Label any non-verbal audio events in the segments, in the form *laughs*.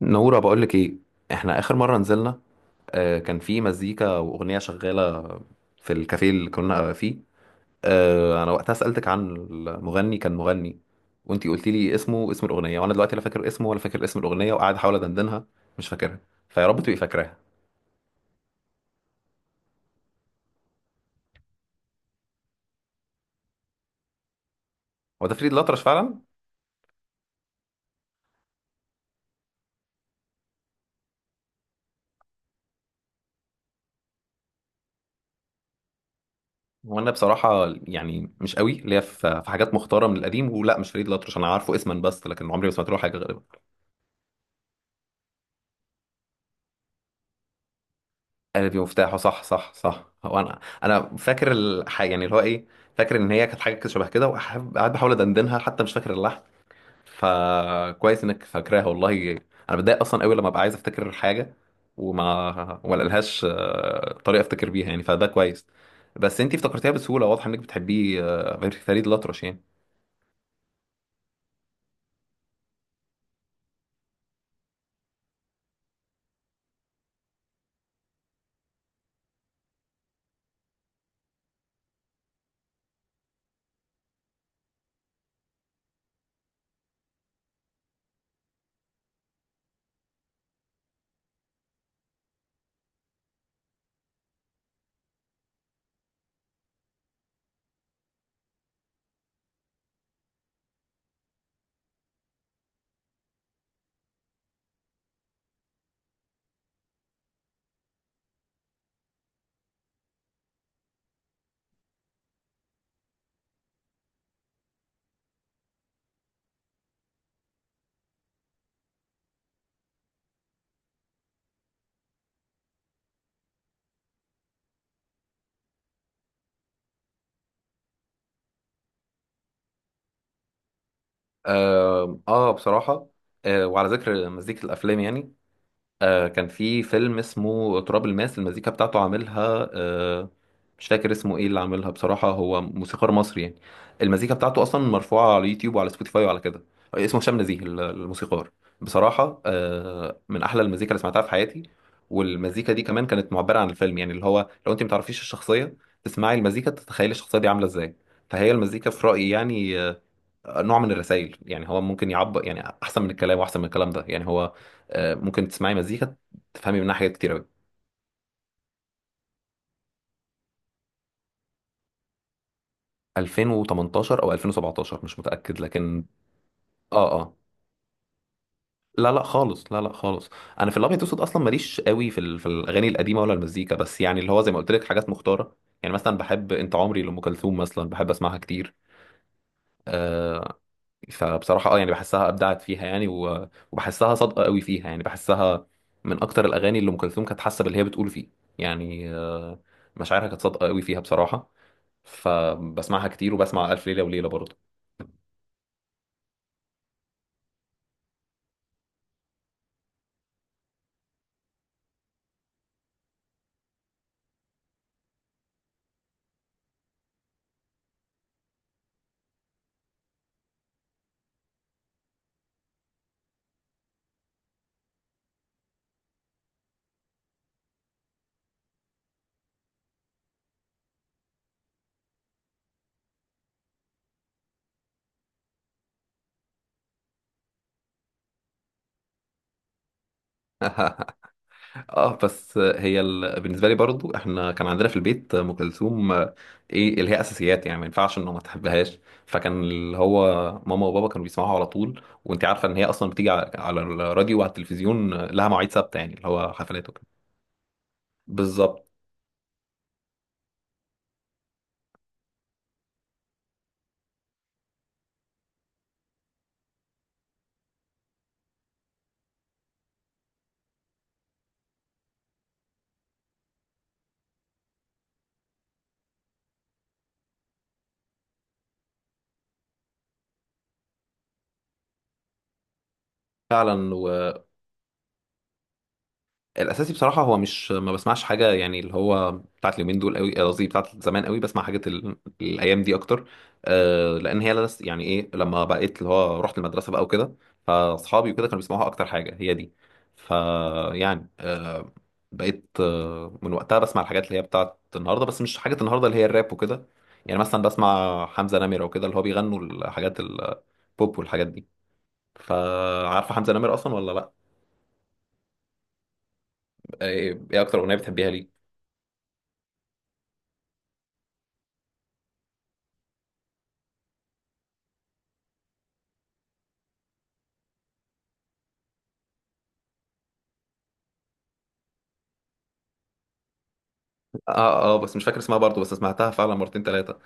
نورة، بقولك ايه؟ احنا اخر مرة نزلنا، كان في مزيكا واغنية شغالة في الكافيه اللي كنا فيه. انا وقتها سألتك عن المغني، كان مغني، وانتي قلتي لي اسمه، اسم الاغنية، وانا دلوقتي لا فاكر اسمه ولا فاكر اسم الاغنية وقاعد احاول ادندنها. مش فاكرها، فيا رب تبقي فاكراها. هو ده فريد الأطرش فعلا؟ وانا بصراحة يعني مش قوي ليا في حاجات مختارة من القديم، ولا مش فريد الأطرش، انا عارفه اسما بس، لكن عمري ما سمعت له حاجة غالبا. قالب مفتاحه، صح، صح، صح، هو انا فاكر الحاجه، يعني اللي هو ايه. فاكر ان هي كانت حاجه كده، شبه كده، وقاعد بحاول ادندنها، حتى مش فاكر اللحن. فكويس انك فاكراها والله. انا بتضايق اصلا قوي لما ابقى عايز افتكر حاجه وما لقلهاش طريقه افتكر بيها، يعني فده كويس. بس انتي افتكرتيها بسهوله، واضح انك بتحبيه، غير فريد الأطرش يعني. اه، بصراحه، وعلى ذكر مزيكه الافلام يعني، كان في فيلم اسمه تراب الماس، المزيكا بتاعته عاملها مش فاكر اسمه ايه اللي عاملها بصراحة، هو موسيقار مصري يعني. المزيكا بتاعته اصلا مرفوعة على يوتيوب وعلى سبوتيفاي وعلى كده. اسمه هشام نزيه، الموسيقار. بصراحة من احلى المزيكا اللي سمعتها في حياتي. والمزيكا دي كمان كانت معبرة عن الفيلم، يعني اللي هو لو انت متعرفيش الشخصية تسمعي المزيكا تتخيلي الشخصية دي عاملة ازاي. فهي المزيكا في رأيي يعني نوع من الرسائل، يعني هو ممكن يعبر، يعني احسن من الكلام، واحسن من الكلام ده، يعني هو ممكن تسمعي مزيكا تفهمي منها حاجات كتير قوي. 2018 او 2017، مش متاكد لكن. اه، اه، لا لا خالص، لا لا خالص. انا في الابيض والاسود اصلا ماليش قوي في الاغاني القديمه ولا المزيكا، بس يعني اللي هو زي ما قلت لك حاجات مختاره. يعني مثلا بحب انت عمري لام كلثوم، مثلا بحب اسمعها كتير، آه، فبصراحة اه، يعني بحسها ابدعت فيها، يعني و- وبحسها صادقة قوي فيها، يعني بحسها من اكتر الاغاني اللي ام كلثوم كانت حاسة باللي هي بتقول فيه، يعني مشاعرها كانت صادقة قوي فيها بصراحة. فبسمعها كتير، وبسمع ألف ليلة وليلة برضه. *laughs* اه، بس هي بالنسبة لي برضه، احنا كان عندنا في البيت ام كلثوم، ايه، اللي هي اساسيات، يعني ما ينفعش انه ما تحبهاش. فكان اللي هو ماما وبابا كانوا بيسمعوها على طول، وانت عارفة ان هي اصلا بتيجي على الراديو وعلى التلفزيون، لها مواعيد ثابتة، يعني اللي هو حفلات وكده. بالظبط. فعلا. والاساسي بصراحه هو مش ما بسمعش حاجه، يعني اللي هو بتاعت اليومين دول قوي، قصدي بتاعت زمان قوي، بسمع حاجات الايام دي اكتر. لان هي لس، يعني ايه، لما بقيت اللي هو رحت المدرسه بقى وكده، فاصحابي وكده كانوا بيسمعوها اكتر حاجه هي دي. فيعني بقيت من وقتها بسمع الحاجات اللي هي بتاعت النهارده، بس مش حاجه النهارده اللي هي الراب وكده، يعني مثلا بسمع حمزه نمره وكده، اللي هو بيغنوا الحاجات البوب والحاجات دي. فعارفه حمزه نمره اصلا ولا لا؟ ايه اكتر اغنيه بتحبيها ليه؟ اه، اه، بس مش فاكر اسمها برضو، بس سمعتها فعلا مرتين ثلاثة.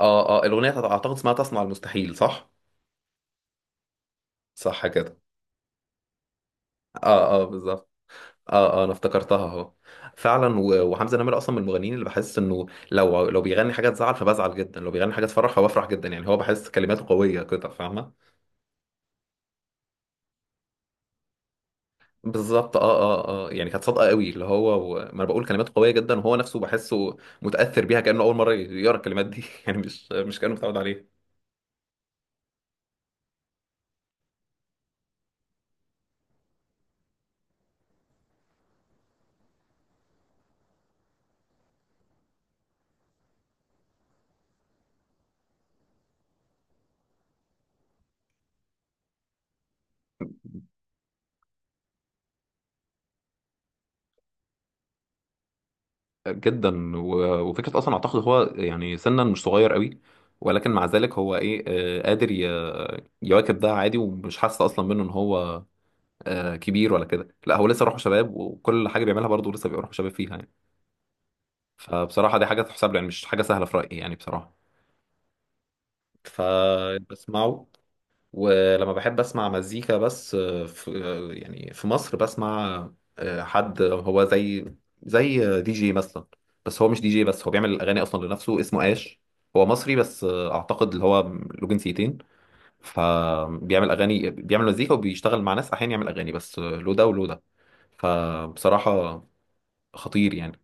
اه، اه، الاغنيه اعتقد اسمها تصنع المستحيل، صح؟ صح كده. اه، اه، بالظبط. اه، اه، انا افتكرتها اهو. فعلا، و- وحمزه نمرة اصلا من المغنيين اللي بحس انه لو بيغني حاجه تزعل فبزعل جدا، لو بيغني حاجه تفرح فبفرح جدا، يعني هو بحس كلماته قويه كده، فاهمه؟ بالظبط، اه، اه، اه، يعني كانت صادقه قوي، اللي هو ما انا بقول كلماته قويه جدا وهو نفسه بحسه متاثر بيها، كانه اول مره يقرا الكلمات دي، *laughs* يعني مش كانه متعود عليها. جدا، و- وفكره اصلا اعتقد هو، يعني سنا مش صغير قوي، ولكن مع ذلك هو ايه، قادر يواكب. ده عادي ومش حاسس اصلا منه ان هو كبير ولا كده. لا، هو لسه روحه شباب، وكل حاجه بيعملها برضه لسه بيبقى روحه شباب فيها يعني. فبصراحه دي حاجه تحسب له، يعني مش حاجه سهله في رايي يعني بصراحه. فبسمعه. ولما بحب اسمع مزيكا بس، آه، في آه، يعني في مصر بسمع حد هو زي، زي دي جي مثلا، بس هو مش دي جي، بس هو بيعمل الاغاني اصلا لنفسه، اسمه اش. هو مصري بس، اعتقد اللي هو له جنسيتين، فبيعمل اغاني، بيعمل مزيكا، وبيشتغل مع ناس احيانا يعمل اغاني بس، له ده وله ده. فبصراحة خطير يعني.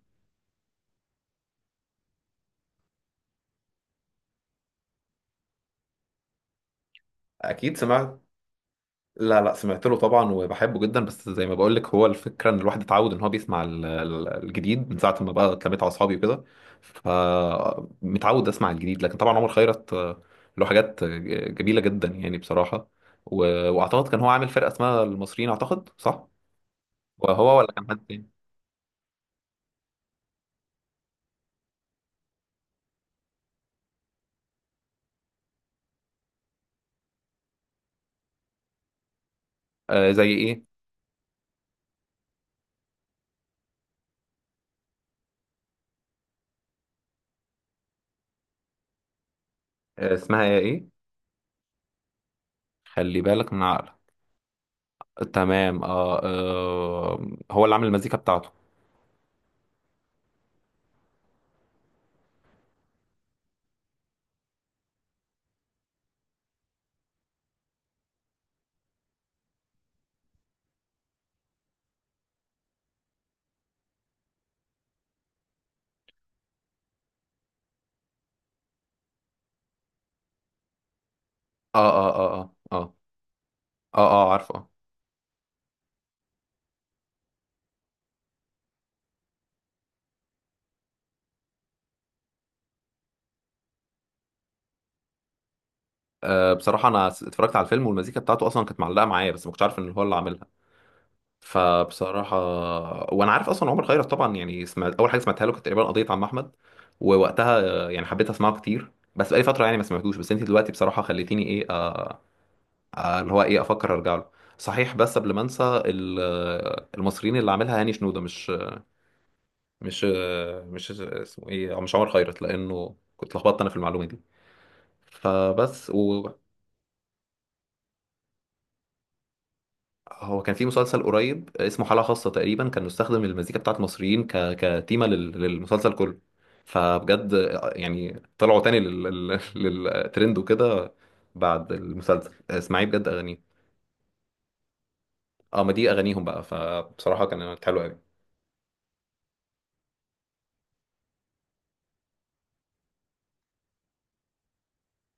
اكيد سمعت. لا، لا، سمعت له طبعا وبحبه جدا، بس زي ما بقول لك، هو الفكره ان الواحد اتعود ان هو بيسمع الجديد من ساعه ما بقى اتلميت على اصحابي وكده، فمتعود اسمع الجديد. لكن طبعا عمر خيرت، له حاجات، جميله جدا يعني بصراحه. و- واعتقد كان هو عامل فرقه اسمها المصريين، اعتقد صح؟ وهو ولا كان حد تاني؟ زي ايه؟ اسمها ايه؟ خلي بالك من عقلك. تمام، اه، هو اللي عامل المزيكا بتاعته. اه، اه، اه، اه، اه، اه، عارفه. بصراحة، أنا اتفرجت على الفيلم، والمزيكا بتاعته أصلا كانت معلقة معايا، بس ما كنتش عارف إن هو اللي عاملها. فبصراحة، وأنا عارف أصلا عمر خيرت طبعا، يعني سمعت أول حاجة سمعتها له كانت تقريبا قضية عم أحمد. ووقتها، يعني حبيت أسمعه كتير، بس بقالي فترة يعني ما سمعتوش. بس أنت دلوقتي بصراحة خليتيني إيه، اللي هو إيه، أفكر أرجع له. صحيح، بس قبل ما أنسى المصريين اللي عاملها هاني شنودة، مش اسمه إيه، مش عمر خيرت، لأنه كنت لخبطت أنا في المعلومة دي. فبس. هو كان في مسلسل قريب اسمه حالة خاصة، تقريبا كان مستخدم المزيكا بتاعت مصريين كتيمة للمسلسل كله، فبجد يعني طلعوا تاني للترند وكده بعد المسلسل. اسمعي بجد أغانيه. اه، ما دي أغانيهم بقى، فبصراحة كانت حلوة أوي.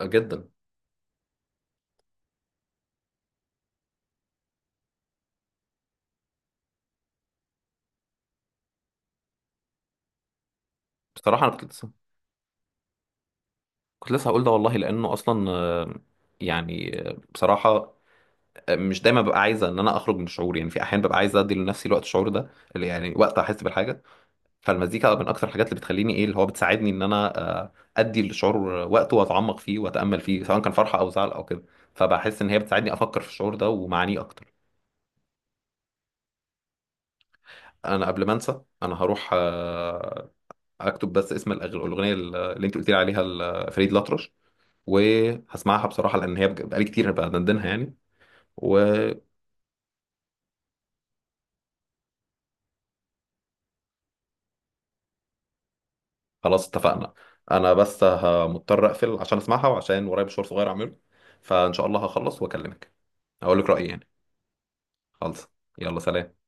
جدا. بصراحة أنا كنت لسه هقول ده والله. لأنه أصلا، يعني، بصراحة، مش دايما ببقى عايزة إن أنا أخرج من الشعور، يعني في أحيان ببقى عايزة أدي لنفسي الوقت الشعور ده، اللي يعني وقت أحس بالحاجة. فالمزيكا من اكتر الحاجات اللي بتخليني ايه، اللي هو بتساعدني ان انا ادي الشعور وقته، واتعمق فيه، واتامل فيه، سواء كان فرحه او زعل او كده. فبحس ان هي بتساعدني افكر في الشعور ده ومعانيه اكتر. انا قبل ما انسى، انا هروح اكتب بس اسم الاغنيه اللي انت قلت لي عليها لفريد الأطرش، وهسمعها بصراحه لان هي بقالي كتير بدندنها يعني. وخلاص. اتفقنا. انا بس مضطر اقفل عشان اسمعها، وعشان ورايا مشوار صغير اعمله. فان شاء الله هخلص واكلمك، اقول لك رايي يعني. خلص. يلا، سلام.